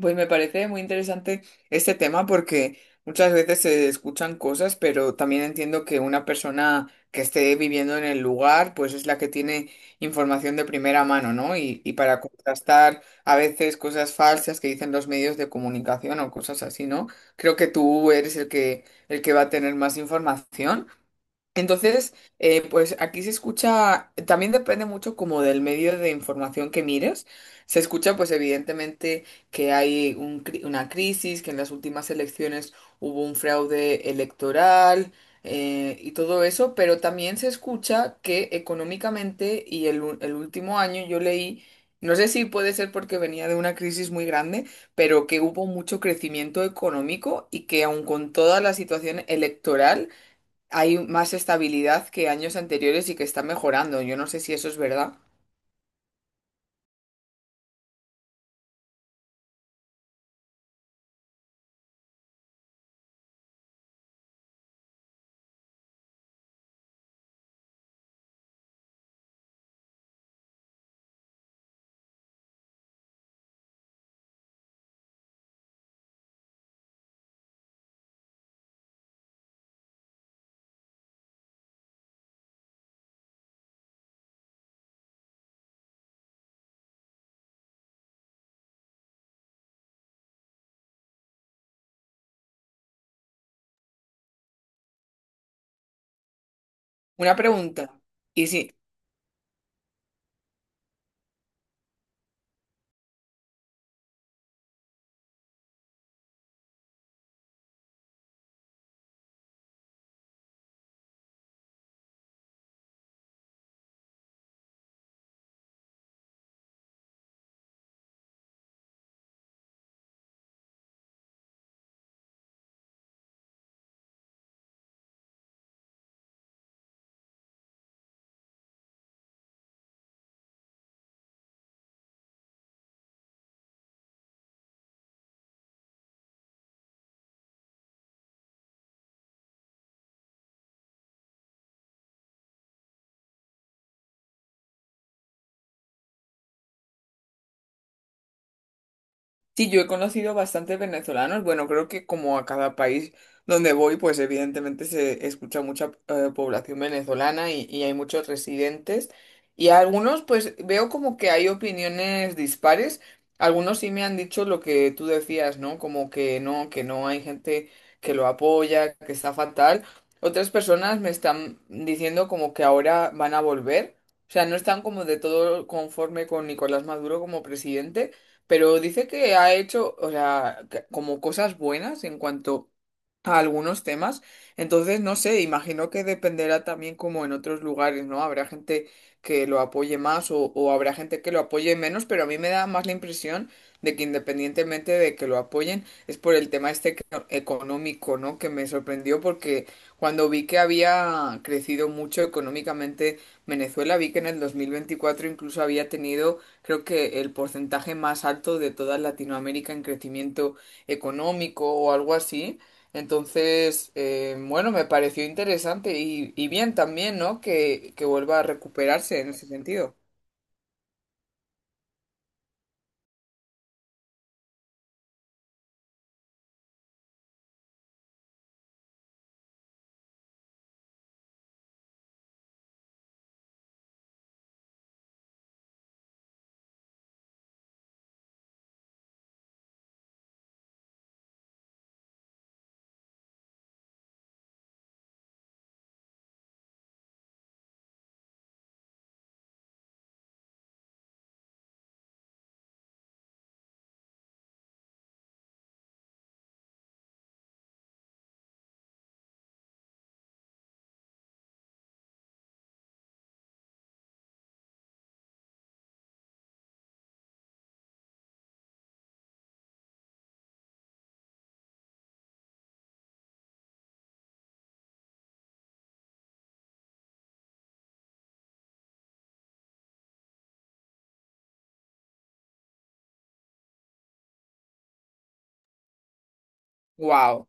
Pues me parece muy interesante este tema porque muchas veces se escuchan cosas, pero también entiendo que una persona que esté viviendo en el lugar, pues es la que tiene información de primera mano, ¿no? Y para contrastar a veces cosas falsas que dicen los medios de comunicación o cosas así, ¿no? Creo que tú eres el que va a tener más información. Entonces, pues aquí se escucha, también depende mucho como del medio de información que mires. Se escucha pues evidentemente que hay una crisis, que en las últimas elecciones hubo un fraude electoral y todo eso, pero también se escucha que económicamente y el último año yo leí, no sé si puede ser porque venía de una crisis muy grande, pero que hubo mucho crecimiento económico y que aun con toda la situación electoral, hay más estabilidad que años anteriores y que está mejorando. Yo no sé si eso es verdad. Una pregunta. Y si, sí, yo he conocido bastantes venezolanos. Bueno, creo que como a cada país donde voy, pues evidentemente se escucha mucha población venezolana y hay muchos residentes. Y a algunos, pues veo como que hay opiniones dispares. Algunos sí me han dicho lo que tú decías, ¿no? Como que no hay gente que lo apoya, que está fatal. Otras personas me están diciendo como que ahora van a volver. O sea, no están como de todo conforme con Nicolás Maduro como presidente, pero dice que ha hecho, o sea, que como cosas buenas en cuanto a algunos temas. Entonces, no sé, imagino que dependerá también como en otros lugares, ¿no? Habrá gente que lo apoye más o habrá gente que lo apoye menos, pero a mí me da más la impresión de que independientemente de que lo apoyen, es por el tema este que económico, ¿no? Que me sorprendió porque cuando vi que había crecido mucho económicamente Venezuela, vi que en el 2024 incluso había tenido. Creo que el porcentaje más alto de toda Latinoamérica en crecimiento económico o algo así. Entonces, bueno, me pareció interesante y bien también, ¿no? Que vuelva a recuperarse en ese sentido. ¡Wow!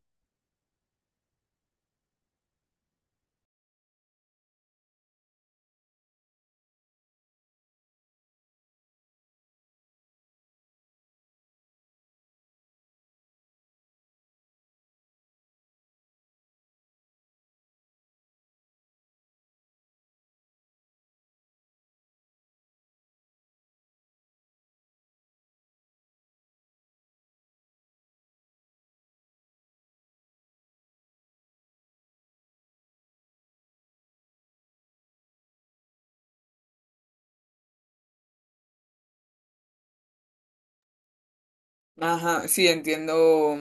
Ajá, sí, entiendo.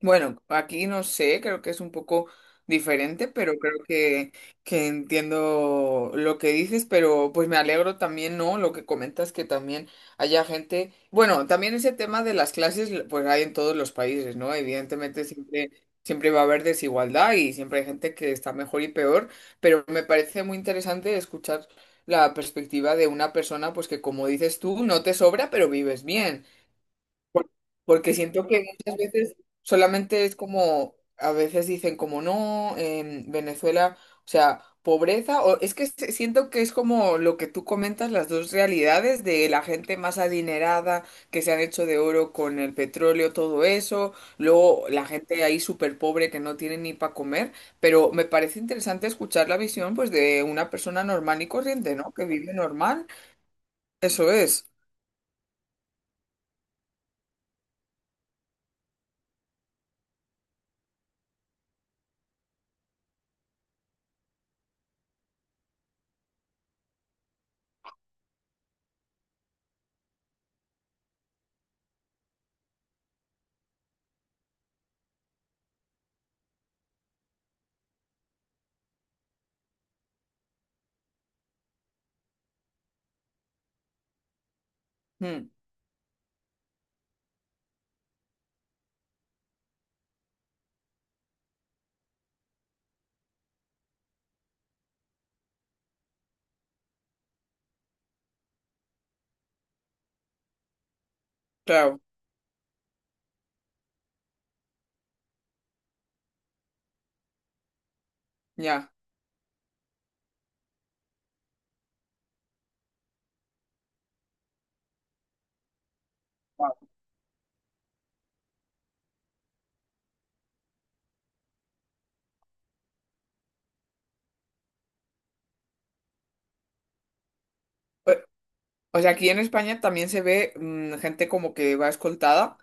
Bueno, aquí no sé, creo que es un poco diferente, pero creo que entiendo lo que dices, pero pues me alegro también, ¿no? Lo que comentas que también haya gente, bueno, también ese tema de las clases, pues hay en todos los países, ¿no? Evidentemente siempre, siempre va a haber desigualdad y siempre hay gente que está mejor y peor, pero me parece muy interesante escuchar la perspectiva de una persona, pues que como dices tú, no te sobra, pero vives bien. Por- porque siento que muchas veces solamente es como, a veces dicen como no, en Venezuela, o sea, pobreza, o es que se- siento que es como lo que tú comentas, las dos realidades de la gente más adinerada que se han hecho de oro con el petróleo, todo eso, luego la gente ahí súper pobre que no tiene ni para comer, pero me parece interesante escuchar la visión pues de una persona normal y corriente, ¿no? Que vive normal, eso es. Mm, claro, ya. Wow. O sea, aquí en España también se ve gente como que va escoltada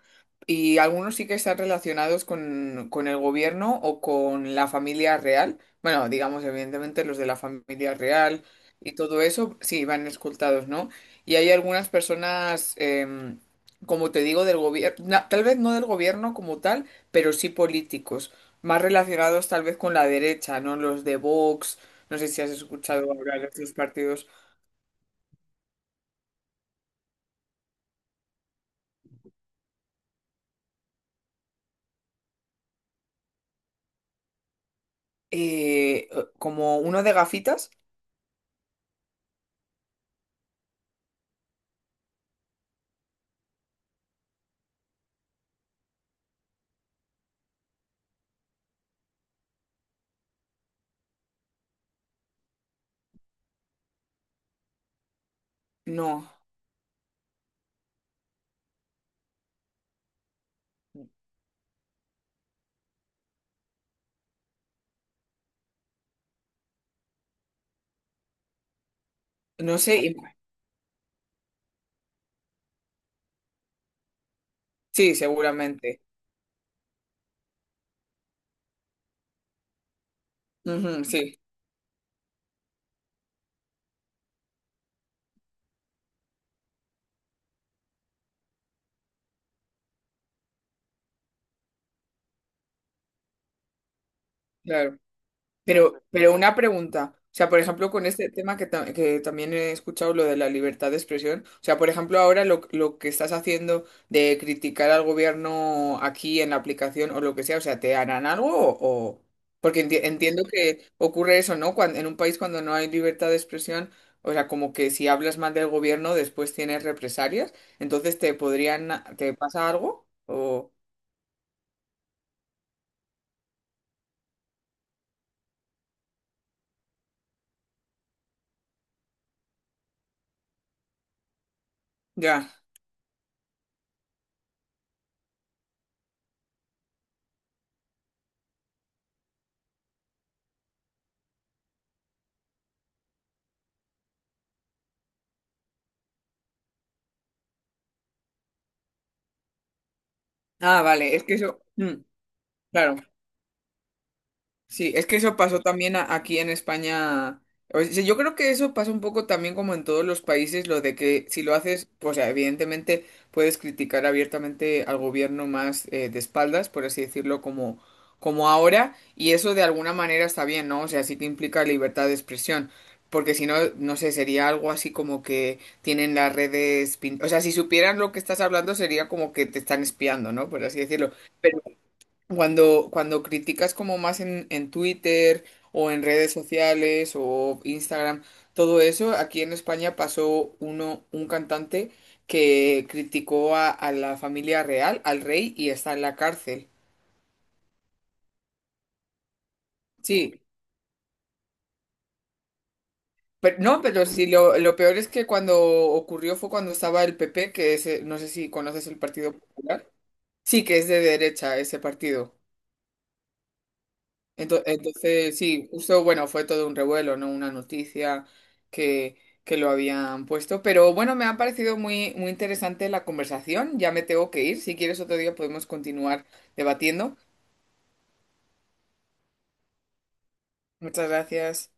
y algunos sí que están relacionados con el gobierno o con la familia real. Bueno, digamos, evidentemente los de la familia real y todo eso, sí, van escoltados, ¿no? Y hay algunas personas, como te digo, del gobierno, tal vez no del gobierno como tal, pero sí políticos, más relacionados tal vez con la derecha, ¿no? Los de Vox, no sé si has escuchado hablar de estos partidos. Como uno de gafitas, no, no sé. Y- sí, seguramente. Ujú, sí, claro. Pero una pregunta, o sea, por ejemplo, con este tema que, ta- que también he escuchado, lo de la libertad de expresión, o sea, por ejemplo, ahora lo que estás haciendo de criticar al gobierno aquí en la aplicación o lo que sea, o sea, ¿te harán algo o...? O- porque enti- entiendo que ocurre eso, ¿no? Cuando, en un país cuando no hay libertad de expresión, o sea, como que si hablas mal del gobierno después tienes represalias, entonces te podrían... ¿Te pasa algo? O... Ya. Ah, vale, es que eso... claro. Sí, es que eso pasó también a- aquí en España. O sea, yo creo que eso pasa un poco también como en todos los países, lo de que si lo haces, pues o sea, evidentemente puedes criticar abiertamente al gobierno más de espaldas, por así decirlo, como, como ahora, y eso de alguna manera está bien, ¿no? O sea, sí que implica libertad de expresión, porque si no, no sé, sería algo así como que tienen las redes, pin- o sea, si supieran lo que estás hablando sería como que te están espiando, ¿no? Por así decirlo. Cuando, cuando criticas como más en Twitter o en redes sociales o Instagram, todo eso, aquí en España pasó uno, un cantante que criticó a la familia real, al rey, y está en la cárcel. Sí, pero no, pero sí, lo peor es que cuando ocurrió fue cuando estaba el PP, que es, no sé si conoces el Partido Popular. Sí, que es de derecha ese partido. Ento- entonces, sí, justo, bueno, fue todo un revuelo, ¿no? Una noticia que, que lo habían puesto. Pero bueno, me ha parecido muy, muy interesante la conversación. Ya me tengo que ir. Si quieres otro día podemos continuar debatiendo. Muchas gracias.